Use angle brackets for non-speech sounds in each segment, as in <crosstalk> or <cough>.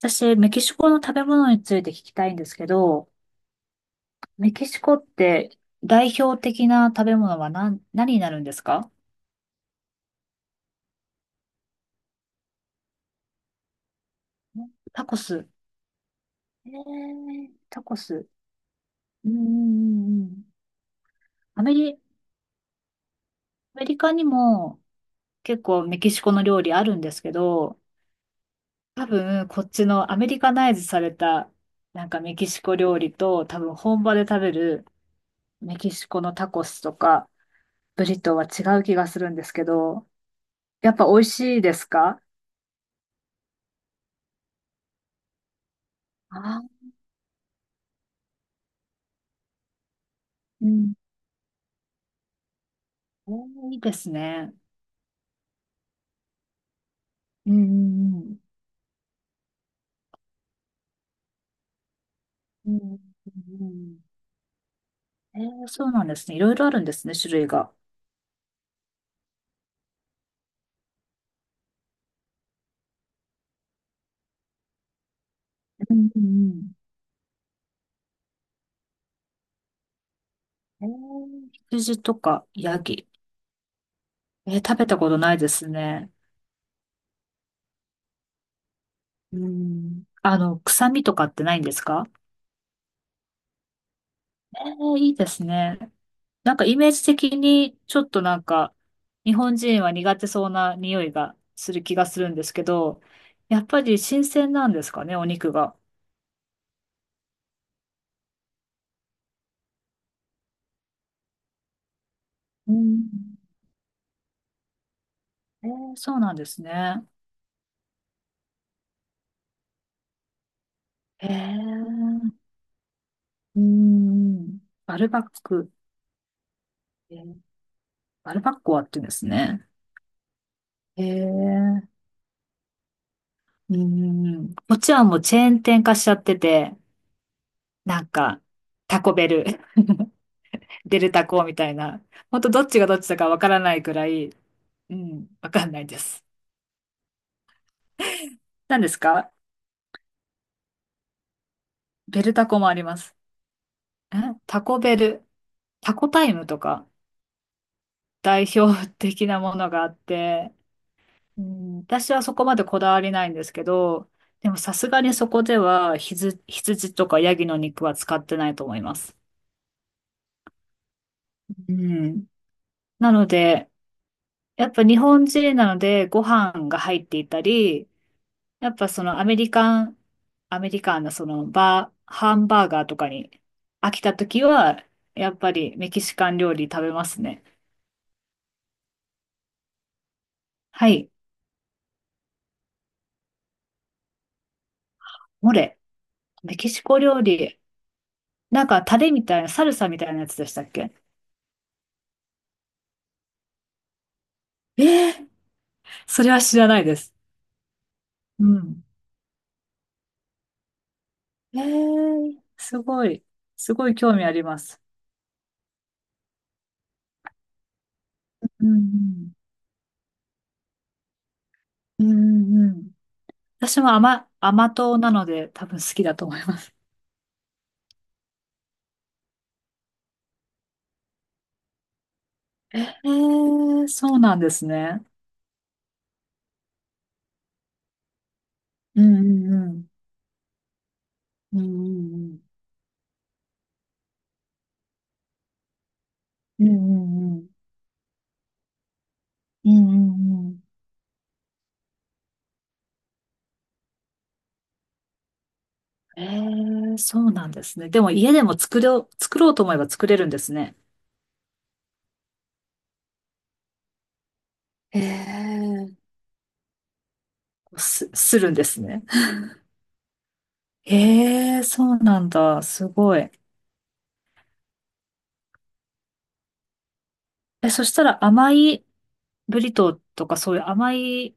私、メキシコの食べ物について聞きたいんですけど、メキシコって代表的な食べ物は何になるんですか？タコス。タコス。うんうんうんうん。アメリカにも結構メキシコの料理あるんですけど、多分こっちのアメリカナイズされたなんかメキシコ料理と多分本場で食べるメキシコのタコスとかブリトーは違う気がするんですけど、やっぱ美味しいですか？あ、うん。おー、いいですね。うんうんうん、うんうん。えー、そうなんですね。いろいろあるんですね、種類が。うんうんうん。えー、羊とかヤギ。えー、食べたことないですね。うん。あの、臭みとかってないんですか？えー、いいですね。なんかイメージ的に、ちょっとなんか、日本人は苦手そうな匂いがする気がするんですけど、やっぱり新鮮なんですかね、お肉が。うん。えー、そうなんですね。へえ、うん。バルバック。えー、バルバッコはって言うんですね。へえ、うん。こっちはもうチェーン店化しちゃってて、なんか、タコベル、<laughs> デルタコみたいな。ほんとどっちがどっちだかわからないくらい、うん、わかんないです。何ですか？ベルタコもあります。え、タコベル、タコタイムとか代表的なものがあって、うん、私はそこまでこだわりないんですけど、でもさすがにそこでは羊とかヤギの肉は使ってないと思います。うん。なので、やっぱ日本人なのでご飯が入っていたり、やっぱそのアメリカン、アメリカンなそのハンバーガーとかに飽きた時は、やっぱりメキシカン料理食べますね。はい。モレ。メキシコ料理。なんかタレみたいな、サルサみたいなやつでしたっけ？えー、それは知らないです。うん。ええ、すごい、すごい興味あります。うんうん、うんうん。私も甘党なので多分好きだと思います。ええ、そうなんですね。うんうんうん。うんうんうん。うんうんうん。ええ、そうなんですね。でも家でも作ろうと思えば作れるんですね。ええ、するんですね。<laughs> ええ、そうなんだ。すごい。え、そしたら甘いブリトーとかそういう甘い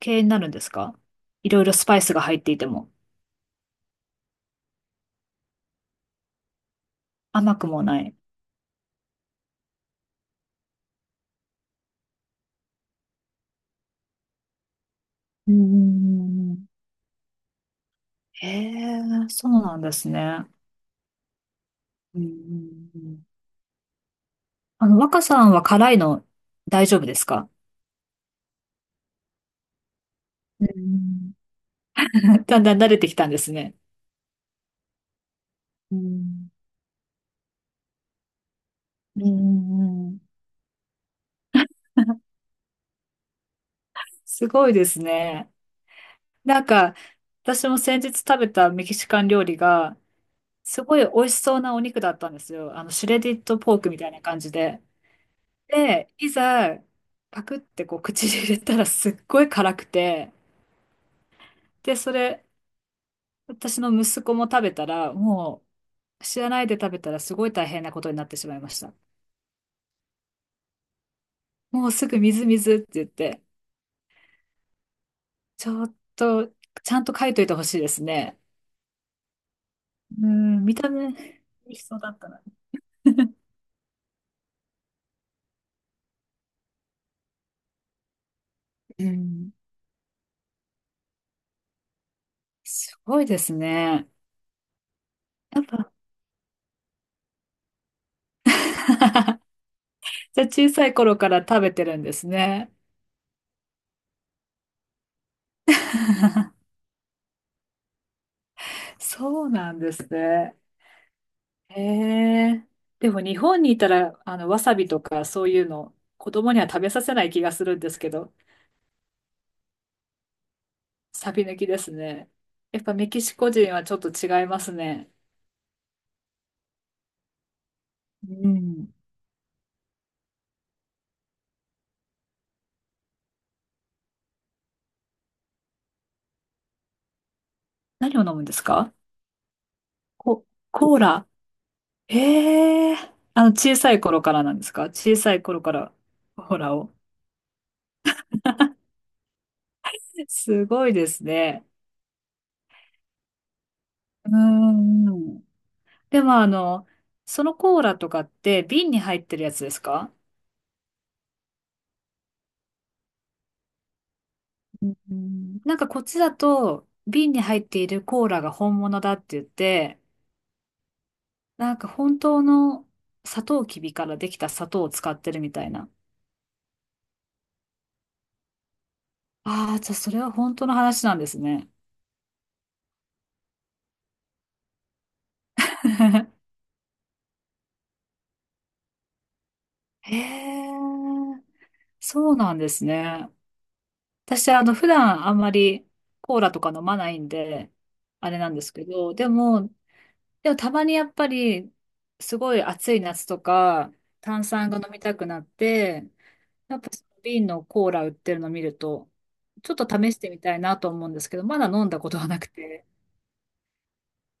系になるんですか？いろいろスパイスが入っていても。甘くもない。うん。へえ、そうなんですね。うんうんうん。あの、若さんは辛いの大丈夫ですか？うん。 <laughs> だんだん慣れてきたんですね。うんうんうんうん。すごいですね。なんか、私も先日食べたメキシカン料理が、すごい美味しそうなお肉だったんですよ。あの、シュレディッドポークみたいな感じで。で、いざ、パクってこう口に入れたらすっごい辛くて、で、それ、私の息子も食べたら、もう、知らないで食べたらすごい大変なことになってしまいました。もうすぐ水水って言って、ちょっと、ちゃんと書いといてほしいですね。うん、見た目、美味しそうだったな。うん、すごいですね。やっぱ、じゃあ小さい頃から食べてるんですね。<laughs> そうなんですね。へえ。でも日本にいたら、あの、わさびとかそういうの、子供には食べさせない気がするんですけど、サビ抜きですね。やっぱメキシコ人はちょっと違いますね。うん。何を飲むんですか？コ、コーラ。へえ。あの、小さい頃からなんですか？小さい頃から、コーラを。すごいですね。うーん。でもあの、そのコーラとかって瓶に入ってるやつですか？うん、なんかこっちだと、瓶に入っているコーラが本物だって言って、なんか本当のサトウキビからできた砂糖を使ってるみたいな。ああ、じゃあそれは本当の話なんですね。<laughs> へえ、そうなんですね。私、あの、普段あんまりコーラとか飲まないんで、あれなんですけど、でも、たまにやっぱり、すごい暑い夏とか、炭酸が飲みたくなって、やっぱその瓶のコーラ売ってるの見ると、ちょっと試してみたいなと思うんですけど、まだ飲んだことはなくて。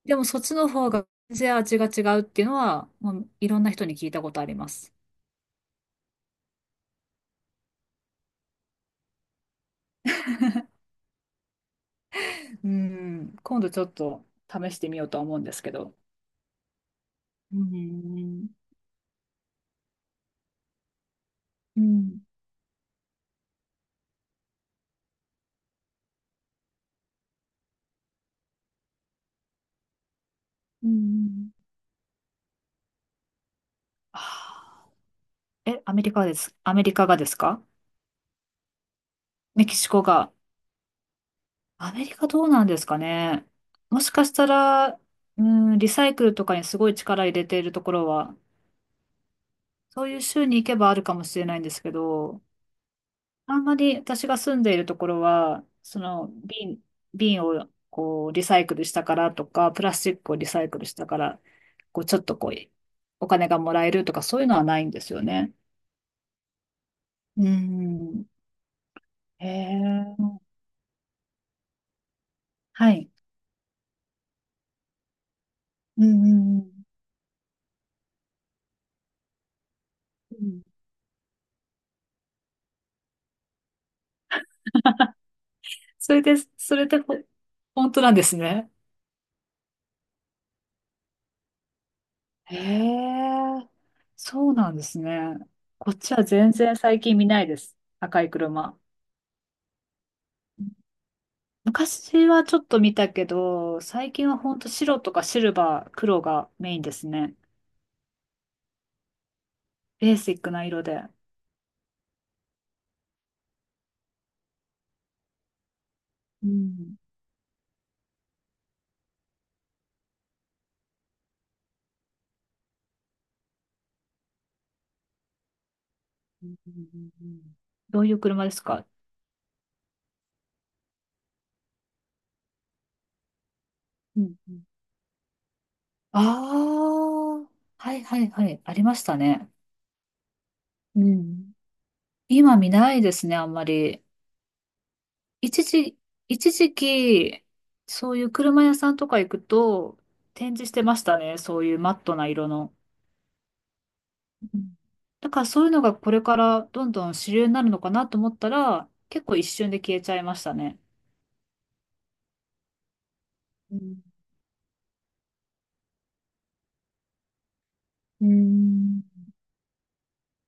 でもそっちの方が全然味が違うっていうのは、もういろんな人に聞いたことあります。うん、今度ちょっと試してみようとは思うんですけど。うん、うん、うん。あー、え、アメリカです。アメリカがですか？メキシコが。アメリカどうなんですかね。もしかしたら、うん、リサイクルとかにすごい力入れているところはそういう州に行けばあるかもしれないんですけど、あんまり私が住んでいるところは、その瓶をこうリサイクルしたからとか、プラスチックをリサイクルしたから、こうちょっとこうお金がもらえるとかそういうのはないんですよね。うん。へえ。はい。うんうんうんうん。それで本当なんですね。へえ。そうなんですね。こっちは全然最近見ないです。赤い車。昔はちょっと見たけど、最近はほんと白とかシルバー、黒がメインですね。ベーシックな色で。うん。うんうんうん。どういう車ですか？うんうん。ああ、はいはいはい。ありましたね。うん。今見ないですね、あんまり。一時、一時期、そういう車屋さんとか行くと、展示してましたね。そういうマットな色の。うん。だからそういうのがこれからどんどん主流になるのかなと思ったら、結構一瞬で消えちゃいましたね。うん。うん